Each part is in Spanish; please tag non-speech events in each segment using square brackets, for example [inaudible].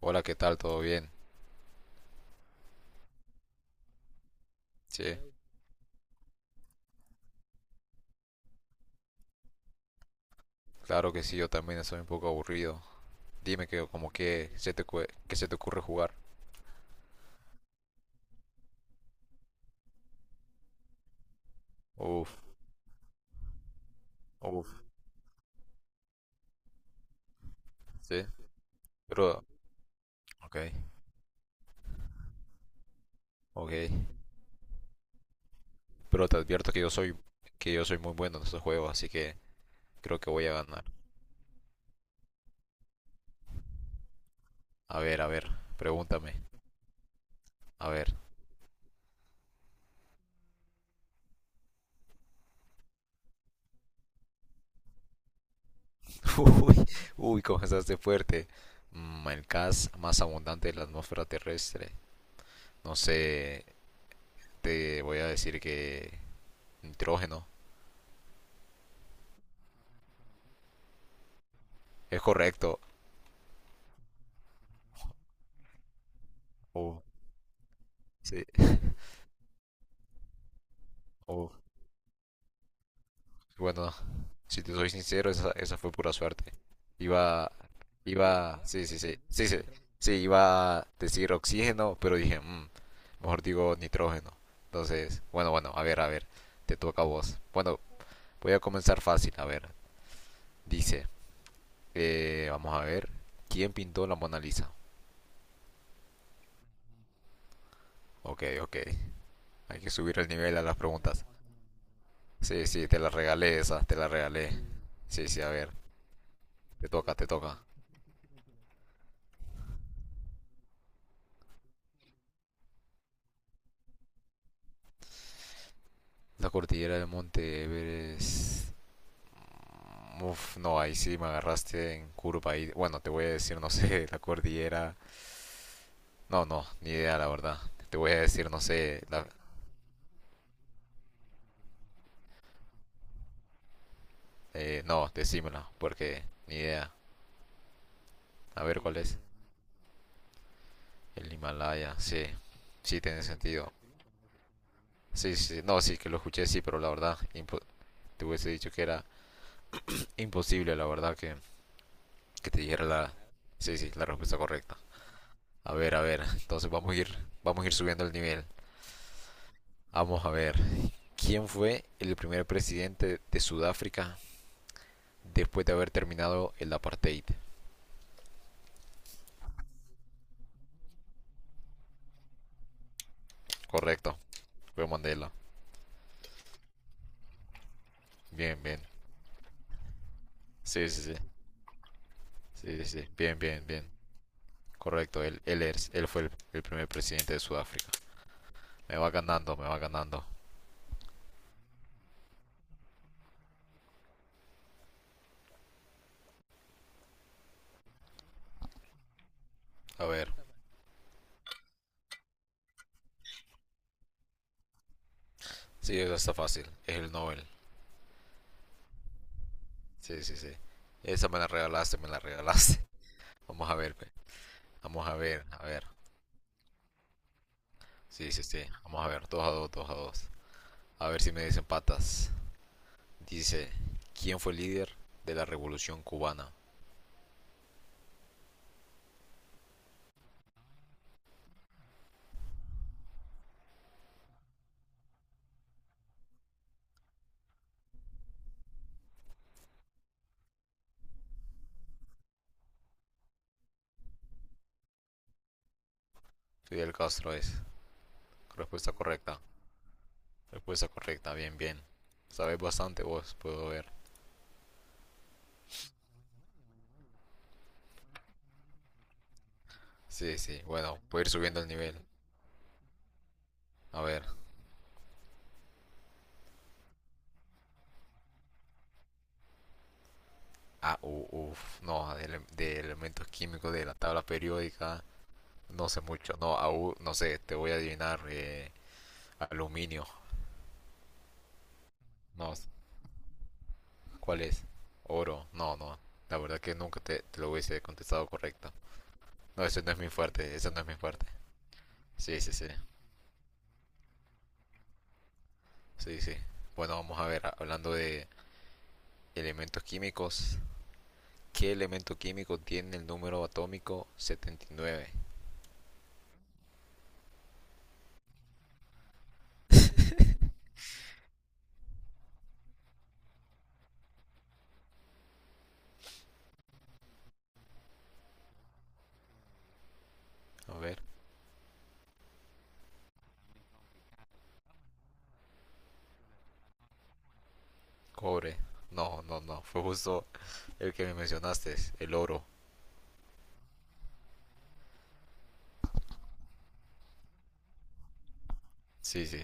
Hola, ¿qué tal? ¿Todo bien? Sí, claro que sí, yo también estoy un poco aburrido. Dime que como que que se te ocurre jugar. Uf, uf, sí. Pero, ok, ok. Pero te advierto que yo soy muy bueno en estos juegos, así que creo que voy a ganar. A ver, pregúntame. A ver. [laughs] Uy, uy, comenzaste fuerte. El gas más abundante de la atmósfera terrestre. No sé, te voy a decir que nitrógeno. Es correcto. Uh, sí. [laughs] Oh, bueno, si te soy sincero, esa fue pura suerte. Iba, sí, sí, sí, sí, sí, sí, iba a decir oxígeno, pero dije, "Mm, mejor digo nitrógeno." Entonces, bueno, bueno, a ver, te toca a vos. Bueno, voy a comenzar fácil, a ver. Dice, vamos a ver, ¿quién pintó la Mona Lisa? Ok, ok, hay que subir el nivel a las preguntas. Sí, sí, te la regalé esa, te la regalé. Sí, sí, a ver, te toca, te toca. La cordillera del Monte Everest. Mm, uf, no, ahí sí me agarraste en curva ahí. Bueno, te voy a decir, no sé, [laughs] la cordillera. No, no, ni idea, la verdad. Te voy a decir, no sé. No, decímela, porque ni idea. A ver cuál es. El Himalaya, sí, sí tiene sentido. Sí, sí, no, sí que lo escuché, sí, pero la verdad, te hubiese dicho que era imposible, la verdad, que te dijera. Sí, sí, la respuesta correcta. A ver, entonces vamos a ir subiendo el nivel. Vamos a ver, ¿quién fue el primer presidente de Sudáfrica después de haber terminado el apartheid? Correcto, fue Mandela. Bien, bien. Sí, sí, sí. Sí, sí, sí. Bien, bien, bien. Correcto, él fue el primer presidente de Sudáfrica. Me va ganando, me va ganando. A ver, sí, eso está fácil. Es el Nobel. Sí, sí, sí. Esa me la regalaste, me la regalaste. [laughs] Vamos a ver, pe. Vamos a ver, a ver. Sí, sí, sí. Vamos a ver. Dos a dos, dos a dos. A ver si me dicen patas. Dice, ¿quién fue el líder de la revolución cubana? Fidel Castro es. Respuesta correcta. Respuesta correcta, bien, bien. Sabes bastante vos, puedo ver. Sí, sí, bueno, puedo ir subiendo el nivel. A ver. Ah, uf, no, de elementos químicos de la tabla periódica, no sé mucho. No, aún, no sé, te voy a adivinar. Aluminio, no, ¿cuál es? Oro, no, no. La verdad que nunca te lo hubiese contestado correcta. No, ese no es mi fuerte, ese no es mi fuerte. Sí, sí, sí. Sí, sí. Bueno, vamos a ver, hablando de elementos químicos, ¿qué elemento químico tiene el número atómico 79? A ver, cobre. No, no, no, fue justo el que me mencionaste, el oro. Sí, sí,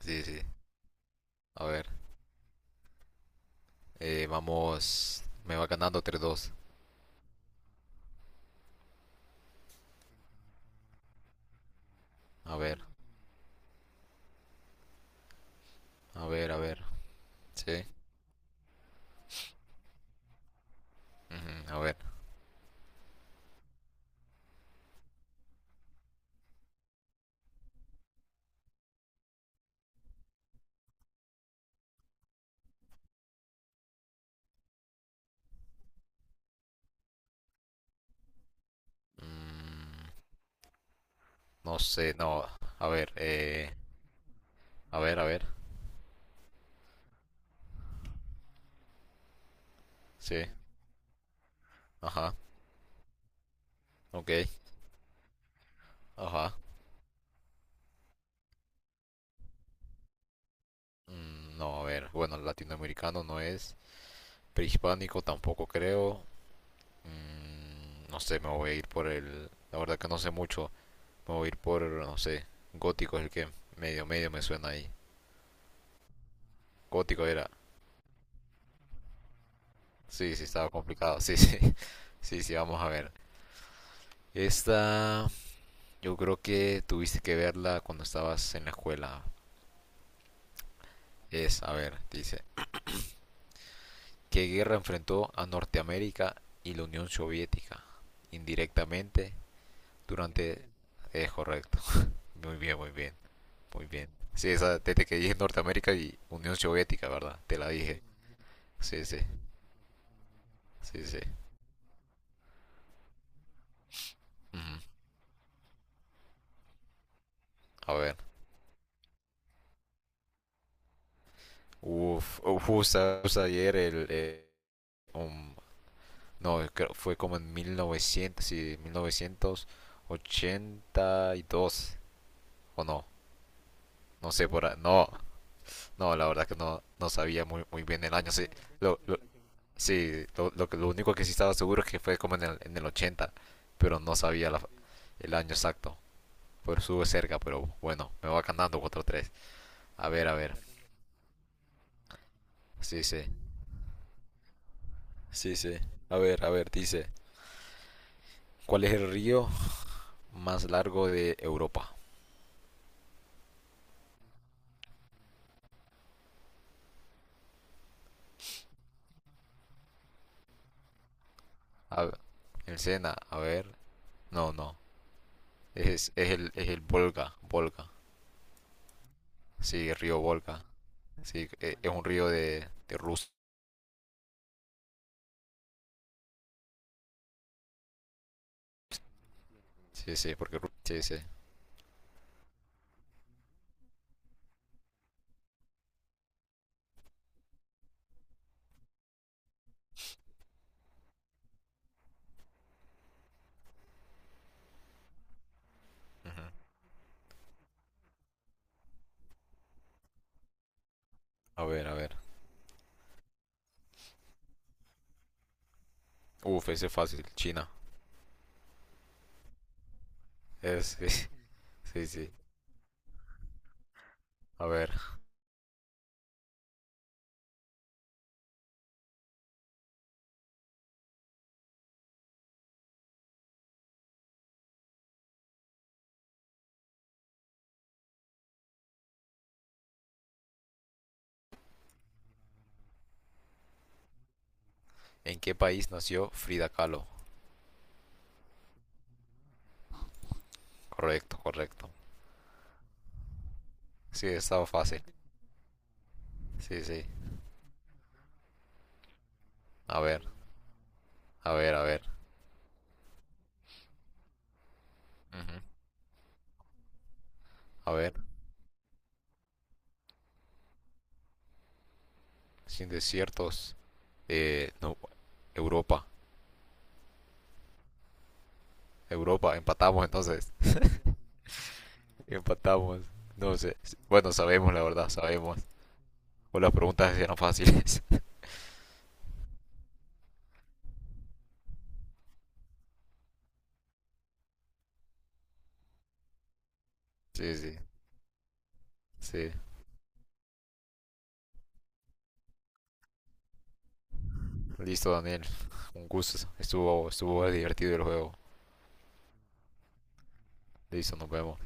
sí, sí. A ver, vamos, me va ganando 3 dos. A ver, a ver, a ver. Sí, ujú, a ver. Mm, no sé, no, a ver, a ver, a ver. Sí, ajá, ok, ajá. No, a ver, bueno, latinoamericano no es, prehispánico tampoco creo, no sé, me voy a ir la verdad que no sé mucho, me voy a ir por, no sé, gótico es el que medio medio me suena ahí. Gótico era, sí, sí, estaba complicado, sí, sí, [laughs] sí, sí, vamos a ver. Esta, yo creo que tuviste que verla cuando estabas en la escuela. A ver, dice, ¿qué guerra enfrentó a Norteamérica y la Unión Soviética? Indirectamente, Durante... Es correcto. Muy bien, muy bien, muy bien. Sí, esa, desde que dije Norteamérica y Unión Soviética, ¿verdad? Te la dije. Sí, sí, sí, sí. Ujú. A ver. Uf, uf, justo, justo ayer. Um, no, fue como en 1900, sí, 1982. O no, no sé No, no, la verdad que no sabía muy, muy bien el año. Sí, lo, lo- sí, lo único que sí estaba seguro es que fue como en el 80, pero no sabía el año exacto. Pero estuve cerca, pero bueno, me va ganando 4 tres. A ver, a ver. Sí, sí. Sí, sí. A ver, dice. ¿Cuál es el río más largo de Europa? A ver, el Sena, a ver. No, no. Es el Volga, Volga. Sí, el río Volga. Sí, es un río de Rusia. Sí, sí, sí, sí. Ujú. A ver, a ver. Uf, ese es fácil. China. Sí, [laughs] sí, sí. A ver, ¿en qué país nació Frida Kahlo? Correcto, correcto. Sí, estaba fácil. Sí, sí. A ver, a ver, a ver. Ujú. A ver, sin desiertos. No, Europa. Europa, empatamos entonces. Empatamos. No sé. Bueno, sabemos, la verdad, sabemos. O las preguntas eran fáciles. [laughs] Sí, sí, sí. Listo, Daniel. Un gusto. Estuvo divertido el juego. Listo, nos vemos.